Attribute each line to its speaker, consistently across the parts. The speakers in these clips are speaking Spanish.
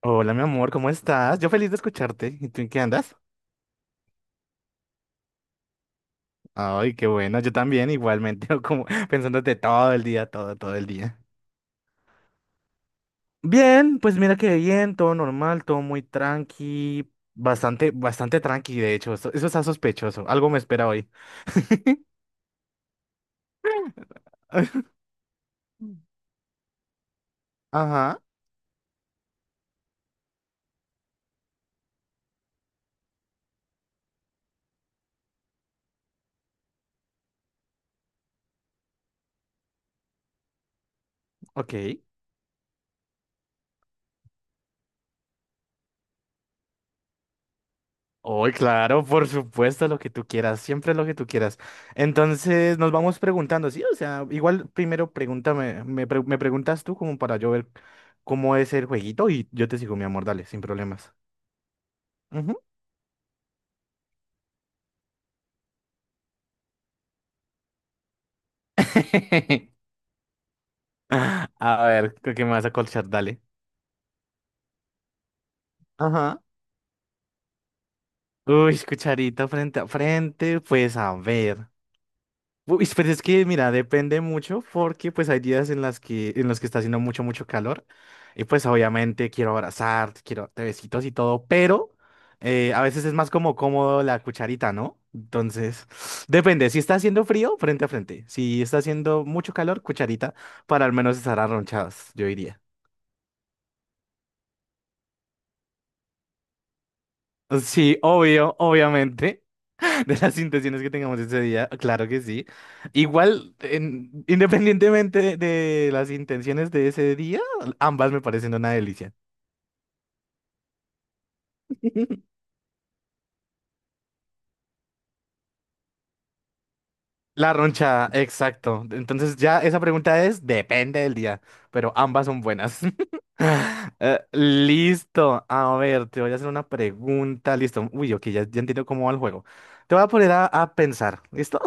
Speaker 1: Hola, mi amor, ¿cómo estás? Yo feliz de escucharte. ¿Y tú en qué andas? Ay, qué bueno. Yo también, igualmente, como pensándote todo el día, todo el día. Bien, pues mira que bien, todo normal, todo muy tranqui, bastante tranqui, de hecho. Eso está sospechoso. Algo me espera hoy. Ajá, ok. Hoy, claro, por supuesto, lo que tú quieras, siempre lo que tú quieras. Entonces nos vamos preguntando, sí, o sea, igual primero pregúntame, me preguntas tú como para yo ver cómo es el jueguito y yo te sigo, mi amor, dale, sin problemas. Ujú. A ver, qué que me vas a colchar, dale. Ajá. Uy, cucharita frente a frente, pues a ver. Uy, pues es que, mira, depende mucho porque pues hay días en los que está haciendo mucho, mucho calor y pues obviamente quiero abrazarte, quiero te besitos y todo, pero a veces es más como cómodo la cucharita, ¿no? Entonces, depende, si está haciendo frío, frente a frente, si está haciendo mucho calor, cucharita, para al menos estar arronchados, yo diría. Sí, obvio, obviamente. de las intenciones que tengamos ese día, claro que sí. Igual, independientemente de las intenciones de ese día, ambas me parecen una delicia. La roncha, exacto. Entonces ya esa pregunta es, depende del día, pero ambas son buenas. Listo, a ver, te voy a hacer una pregunta, listo. Uy, ok, ya entiendo cómo va el juego. Te voy a poner a pensar, ¿listo?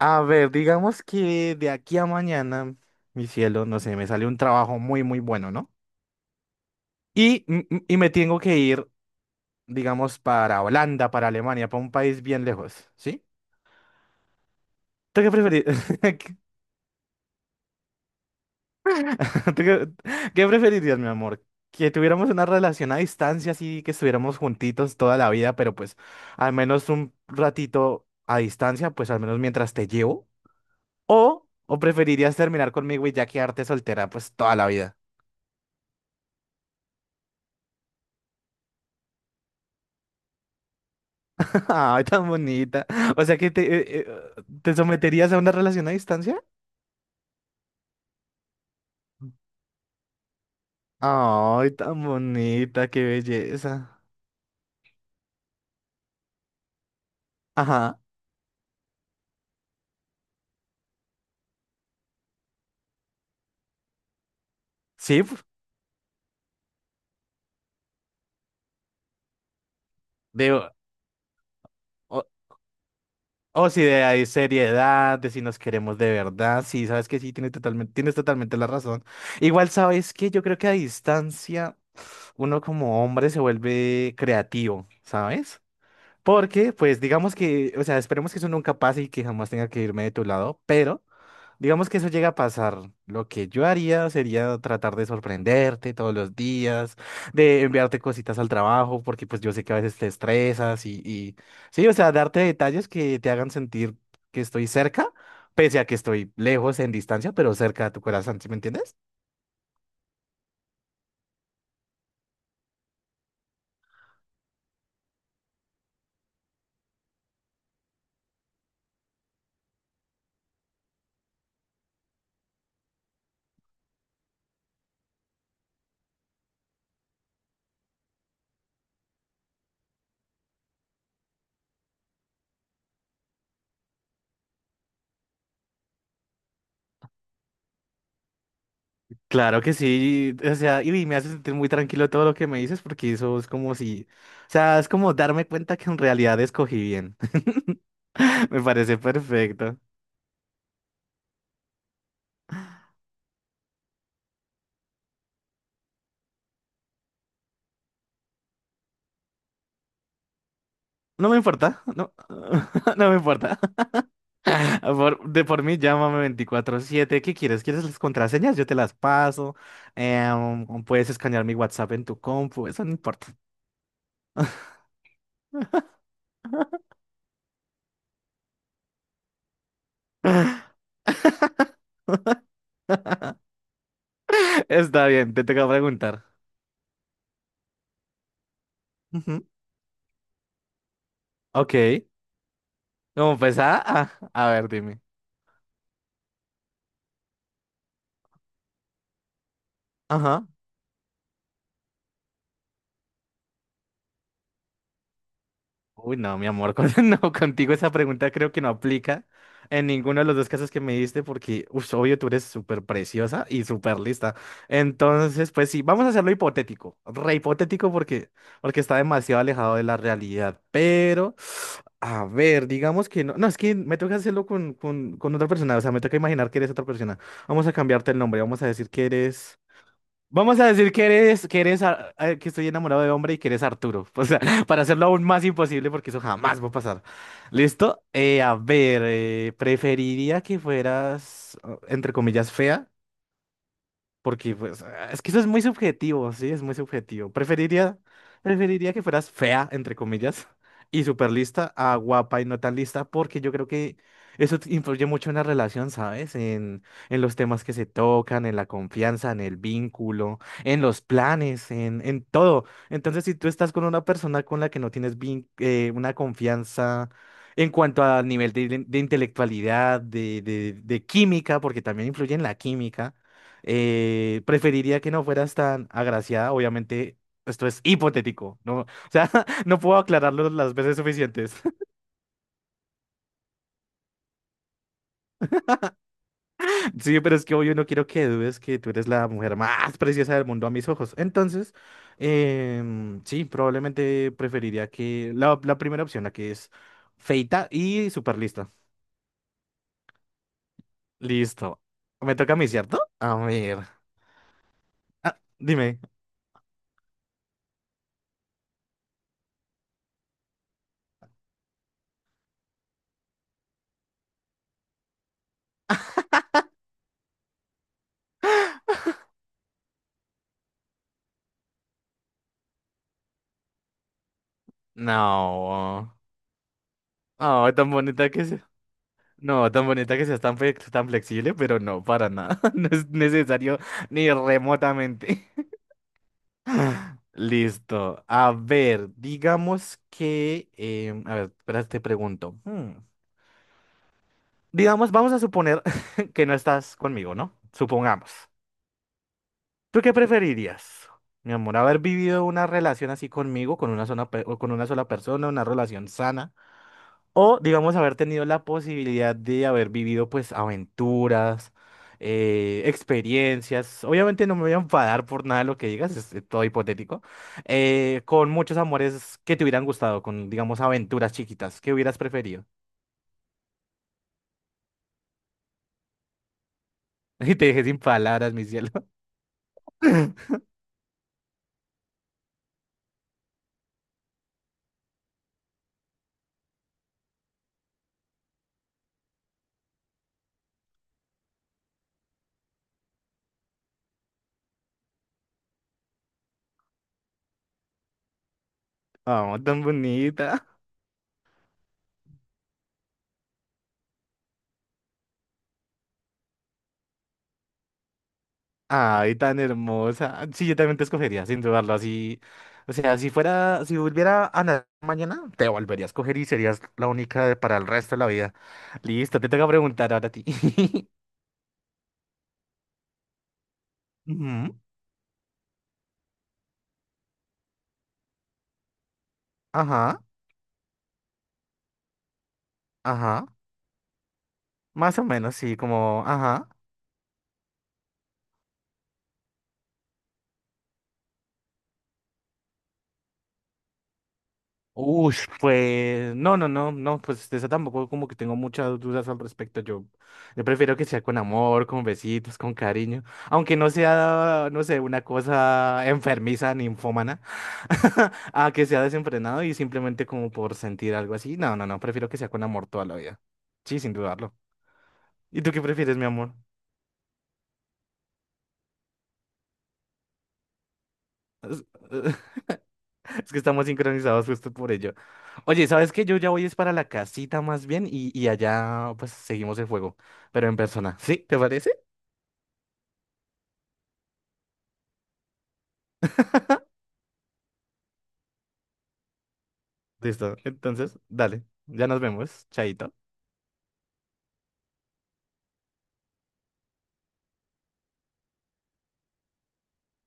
Speaker 1: A ver, digamos que de aquí a mañana, mi cielo, no sé, me sale un trabajo muy, muy bueno, ¿no? Y me tengo que ir, digamos, para Holanda, para Alemania, para un país bien lejos, ¿sí? ¿Tú qué preferir- qué, qué preferirías, mi amor? ¿Que tuviéramos una relación a distancia, así que estuviéramos juntitos toda la vida, pero pues al menos un ratito a distancia, pues al menos mientras te llevo? O preferirías terminar conmigo y ya quedarte soltera, pues toda la vida? Ay, tan bonita. O sea que te, ¿te someterías a una relación a distancia? Ay, tan bonita, qué belleza. Ajá. Sí, pf, digo, o, o si de ahí seriedad, de si nos queremos de verdad. Sí, sabes que sí, tienes totalmente la razón. Igual sabes que yo creo que a distancia uno como hombre se vuelve creativo, ¿sabes? Porque, pues, digamos que, o sea, esperemos que eso nunca pase y que jamás tenga que irme de tu lado, pero. Digamos que eso llega a pasar. Lo que yo haría sería tratar de sorprenderte todos los días, de enviarte cositas al trabajo, porque pues yo sé que a veces te estresas sí, o sea, darte detalles que te hagan sentir que estoy cerca, pese a que estoy lejos en distancia, pero cerca a tu corazón, ¿sí me entiendes? Claro que sí, o sea, y me hace sentir muy tranquilo todo lo que me dices, porque eso es como si, o sea, es como darme cuenta que en realidad escogí bien. Me parece perfecto. No me importa, no, no me importa. Por- de por mí, llámame 24/7. ¿Qué quieres? ¿Quieres las contraseñas? Yo te las paso. Em, puedes escanear mi WhatsApp en tu compu, eso no importa. Está bien, te toca preguntar. Ujú. Ok. ¿Cómo pues, a ver, dime. Ajá. Uy, no, mi amor, no, contigo esa pregunta creo que no aplica en ninguno de los dos casos que me diste porque, uff, obvio, tú eres súper preciosa y súper lista. Entonces, pues sí, vamos a hacerlo hipotético, re hipotético porque, porque está demasiado alejado de la realidad. Pero, a ver, digamos que no, no, es que me toca hacerlo con otra persona, o sea, me toca imaginar que eres otra persona. Vamos a cambiarte el nombre, vamos a decir que eres... Vamos a decir que eres, que estoy enamorado de hombre y que eres Arturo. O sea, para hacerlo aún más imposible porque eso jamás va a pasar. ¿Listo? A ver, preferiría que fueras, entre comillas, fea. Porque, pues, es que eso es muy subjetivo, sí, es muy subjetivo. Preferiría que fueras fea, entre comillas, y super lista a guapa y no tan lista, porque yo creo que eso te influye mucho en la relación, ¿sabes? En los temas que se tocan, en la confianza, en el vínculo, en los planes, en todo. Entonces, si tú estás con una persona con la que no tienes una confianza en cuanto al nivel de intelectualidad, de química, porque también influye en la química. Preferiría que no fueras tan agraciada, obviamente. Esto es hipotético, ¿no? O sea, no puedo aclararlo las veces suficientes. Sí, pero es que obvio no quiero que dudes que tú eres la mujer más preciosa del mundo a mis ojos. Entonces, em, sí, probablemente preferiría que la primera opción, la que es feita y súper lista. Listo. Me toca a mí, ¿cierto? A ver. Ah, dime. No. Oh, tan bonita que es. No, tan bonita que seas tan, tan flexible, pero no, para nada. No es necesario ni remotamente. Listo. A ver, digamos que... em, a ver, espera, te pregunto. Hmm. Digamos, vamos a suponer que no estás conmigo, ¿no? Supongamos. ¿Tú qué preferirías, mi amor? ¿Haber vivido una relación así conmigo, con una sola, o con una sola persona, una relación sana? O, digamos, haber tenido la posibilidad de haber vivido, pues, aventuras, experiencias. Obviamente no me voy a enfadar por nada de lo que digas, es todo hipotético. Eh, con muchos amores que te hubieran gustado, con, digamos, aventuras chiquitas. ¿Qué hubieras preferido? Y te dejé sin palabras, mi cielo. Oh, tan bonita. Ay, tan hermosa. Sí, yo también te escogería, sin dudarlo, así. O sea, si fuera, si volviera a nacer mañana, te volvería a escoger y serías la única para el resto de la vida. Listo, te toca preguntar ahora a ti. Ujú. Ajá, ajá. Más o menos, sí, como, ajá. Uy, pues, no, pues de eso tampoco como que tengo muchas dudas al respecto. Yo prefiero que sea con amor, con besitos, con cariño, aunque no sea, no sé, una cosa enfermiza, ninfómana, a que sea desenfrenado y simplemente como por sentir algo así. No, prefiero que sea con amor toda la vida. Sí, sin dudarlo. ¿Y tú qué prefieres, mi amor? Es que estamos sincronizados justo por ello. Oye, ¿sabes qué? Yo ya voy es para la casita más bien y allá pues seguimos el juego, pero en persona. ¿Sí? ¿Te parece? Listo. Entonces, dale. Ya nos vemos. Chaito.